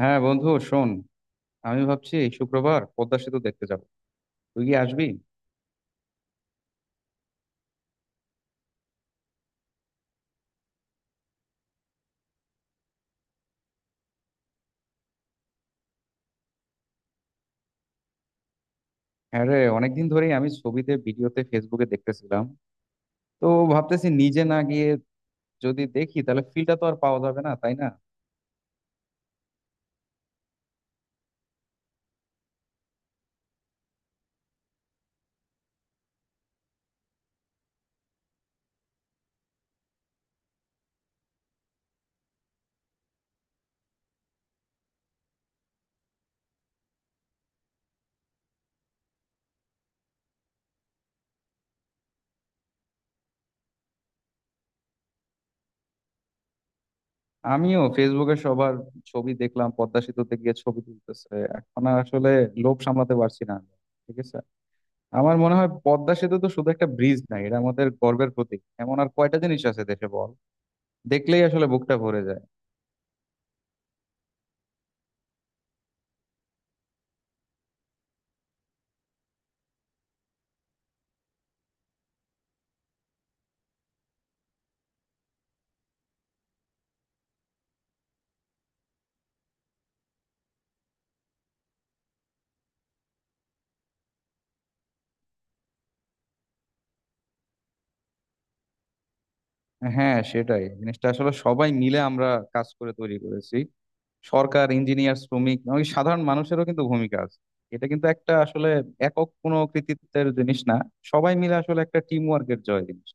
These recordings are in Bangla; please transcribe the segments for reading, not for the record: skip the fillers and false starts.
হ্যাঁ বন্ধু শোন, আমি ভাবছি এই শুক্রবার পদ্মা সেতু দেখতে যাব। তুই কি আসবি? হ্যাঁ রে, অনেকদিন ধরেই আমি ছবিতে ভিডিওতে ফেসবুকে দেখতেছিলাম। তো ভাবতেছি, নিজে না গিয়ে যদি দেখি তাহলে ফিলটা তো আর পাওয়া যাবে না, তাই না? আমিও ফেসবুকে সবার ছবি দেখলাম, পদ্মা সেতুতে গিয়ে ছবি তুলতেছে। এখন আর আসলে লোভ সামলাতে পারছি না আমি। ঠিক আছে, আমার মনে হয় পদ্মা সেতু তো শুধু একটা ব্রিজ নাই, এটা আমাদের গর্বের প্রতীক। এমন আর কয়টা জিনিস আছে দেশে, বল? দেখলেই আসলে বুকটা ভরে যায়। হ্যাঁ, সেটাই। জিনিসটা আসলে সবাই মিলে আমরা কাজ করে তৈরি করেছি। সরকার, ইঞ্জিনিয়ার, শ্রমিক, এমনকি সাধারণ মানুষেরও কিন্তু ভূমিকা আছে। এটা কিন্তু একটা আসলে একক কোনো কৃতিত্বের জিনিস না, সবাই মিলে আসলে একটা টিম ওয়ার্কের জয় জিনিস।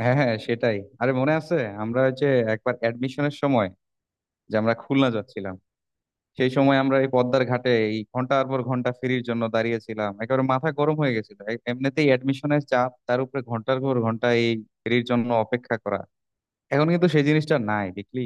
হ্যাঁ হ্যাঁ, সেটাই। আরে মনে আছে আমরা ওই যে একবার অ্যাডমিশনের সময় যে আমরা খুলনা যাচ্ছিলাম, সেই সময় আমরা এই পদ্মার ঘাটে এই ঘন্টার পর ঘন্টা ফেরির জন্য দাঁড়িয়েছিলাম, একেবারে মাথা গরম হয়ে গেছিল। এমনিতেই অ্যাডমিশনের চাপ, তার উপরে ঘন্টার পর ঘন্টা এই ফেরির জন্য অপেক্ষা করা। এখন কিন্তু সেই জিনিসটা নাই, দেখলি?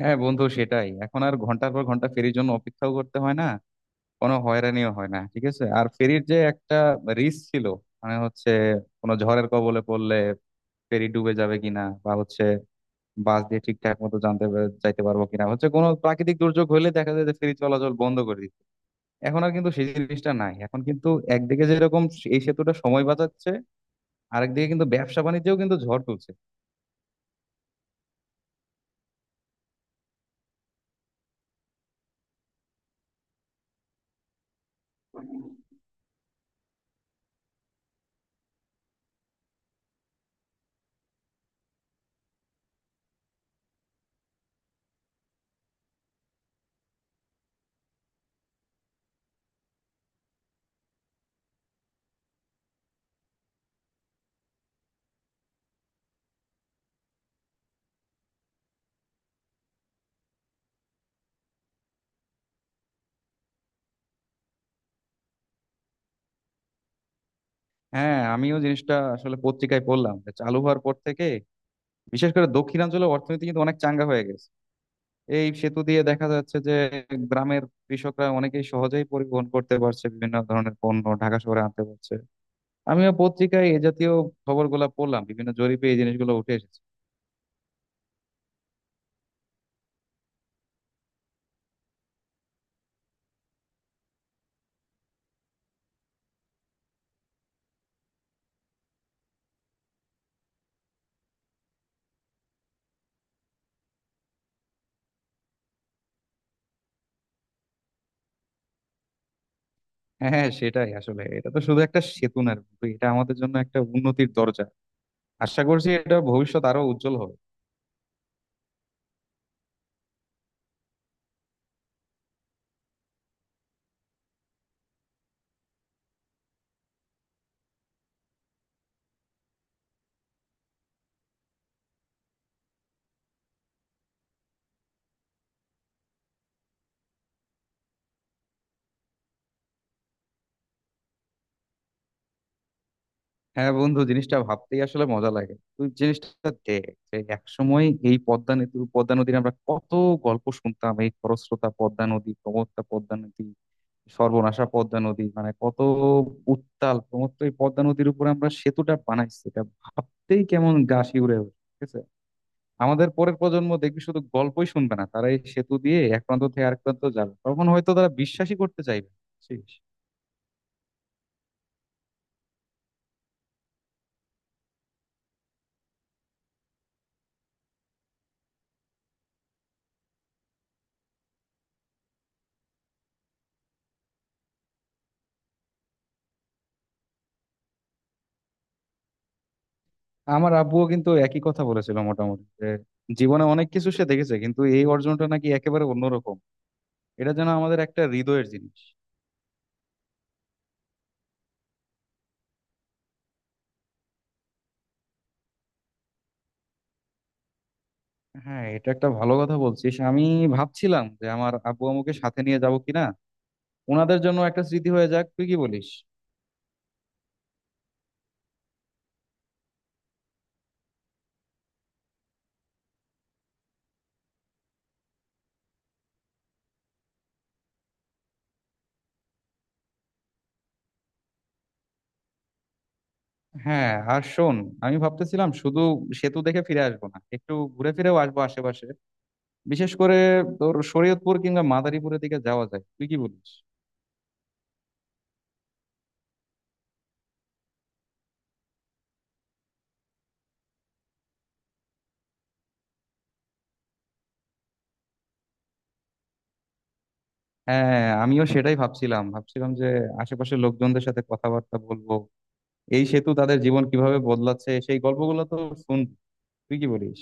হ্যাঁ বন্ধু সেটাই, এখন আর ঘন্টার পর ঘন্টা ফেরির জন্য অপেক্ষাও করতে হয় না, কোনো হয়রানিও হয় না। ঠিক আছে, আর ফেরির যে একটা রিস্ক ছিল, মানে হচ্ছে কোনো ঝড়ের কবলে পড়লে ফেরি ডুবে যাবে কিনা, বা হচ্ছে বাস দিয়ে ঠিকঠাক মতো যাইতে পারবো কিনা, হচ্ছে কোনো প্রাকৃতিক দুর্যোগ হলে দেখা যায় যে ফেরি চলাচল বন্ধ করে দিচ্ছে। এখন আর কিন্তু সেই জিনিসটা নাই। এখন কিন্তু একদিকে যেরকম এই সেতুটা সময় বাঁচাচ্ছে, আরেকদিকে কিন্তু ব্যবসা বাণিজ্যেও কিন্তু ঝড় তুলছে। হ্যাঁ, আমিও জিনিসটা আসলে পত্রিকায় পড়লাম যে চালু হওয়ার পর থেকে বিশেষ করে দক্ষিণাঞ্চলের অর্থনীতি কিন্তু অনেক চাঙ্গা হয়ে গেছে। এই সেতু দিয়ে দেখা যাচ্ছে যে গ্রামের কৃষকরা অনেকেই সহজেই পরিবহন করতে পারছে, বিভিন্ন ধরনের পণ্য ঢাকা শহরে আনতে পারছে। আমিও পত্রিকায় এই জাতীয় খবরগুলো পড়লাম, বিভিন্ন জরিপে এই জিনিসগুলো উঠে এসেছে। হ্যাঁ সেটাই, আসলে এটা তো শুধু একটা সেতু না রে বন্ধু, এটা আমাদের জন্য একটা উন্নতির দরজা। আশা করছি এটা ভবিষ্যৎ আরো উজ্জ্বল হবে। হ্যাঁ বন্ধু, জিনিসটা ভাবতেই আসলে মজা লাগে। তুই জিনিসটা দেখ, যে একসময় এই পদ্মা নদীর আমরা কত গল্প শুনতাম, এই খরস্রোতা পদ্মা নদী, প্রমত্তা পদ্মা নদী, সর্বনাশা পদ্মা নদী, মানে কত উত্তাল প্রমত্ত এই পদ্মা নদীর উপরে আমরা সেতুটা বানাইছি, এটা ভাবতেই কেমন গা শিউরে ওঠে, ঠিক আছে। আমাদের পরের প্রজন্ম দেখবি শুধু গল্পই শুনবে না, তারা এই সেতু দিয়ে এক প্রান্ত থেকে আরেক প্রান্ত যাবে, তখন হয়তো তারা বিশ্বাসই করতে চাইবে না, বুঝছিস? আমার আব্বুও কিন্তু একই কথা বলেছিল মোটামুটি, যে জীবনে অনেক কিছু সে দেখেছে, কিন্তু এই অর্জনটা নাকি একেবারে অন্যরকম। এটা যেন আমাদের একটা হৃদয়ের জিনিস। হ্যাঁ, এটা একটা ভালো কথা বলছিস। আমি ভাবছিলাম যে আমার আব্বু আম্মুকে সাথে নিয়ে যাব কিনা, ওনাদের জন্য একটা স্মৃতি হয়ে যাক। তুই কি বলিস? হ্যাঁ আর শোন, আমি ভাবতেছিলাম শুধু সেতু দেখে ফিরে আসবো না, একটু ঘুরে ফিরেও আসবো আশেপাশে। বিশেষ করে তোর শরীয়তপুর কিংবা মাদারীপুরের দিকে যাওয়া যায়। তুই কি বলিস? হ্যাঁ আমিও সেটাই ভাবছিলাম, ভাবছিলাম যে আশেপাশের লোকজনদের সাথে কথাবার্তা বলবো, এই সেতু তাদের জীবন কিভাবে বদলাচ্ছে সেই গল্পগুলো তো শুন। তুই কি বলিস?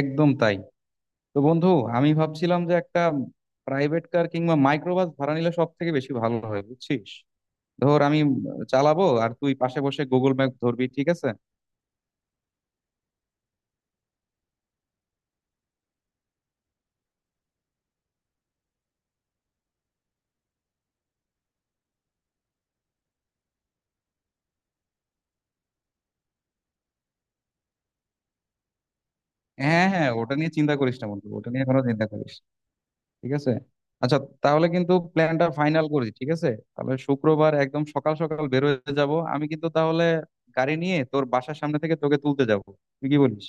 একদম তাই। তো বন্ধু, আমি ভাবছিলাম যে একটা প্রাইভেট কার কিংবা মাইক্রোবাস ভাড়া নিলে সব থেকে বেশি ভালো হয়, বুঝছিস? ধর আমি চালাবো, আর তুই পাশে বসে গুগল ম্যাপ ধরবি, ঠিক আছে? হ্যাঁ হ্যাঁ, ওটা নিয়ে চিন্তা করিস না বন্ধু, ওটা নিয়ে কোনো চিন্তা করিস না। ঠিক আছে। আচ্ছা, তাহলে কিন্তু প্ল্যানটা ফাইনাল করি, ঠিক আছে? তাহলে শুক্রবার একদম সকাল সকাল বের হয়ে যাব। আমি কিন্তু তাহলে গাড়ি নিয়ে তোর বাসার সামনে থেকে তোকে তুলতে যাব। তুই কি বলিস?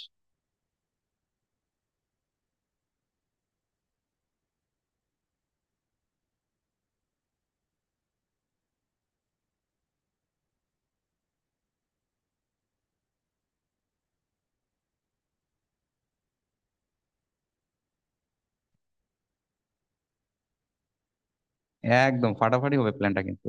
একদম ফাটাফাটি হবে প্ল্যানটা কিন্তু।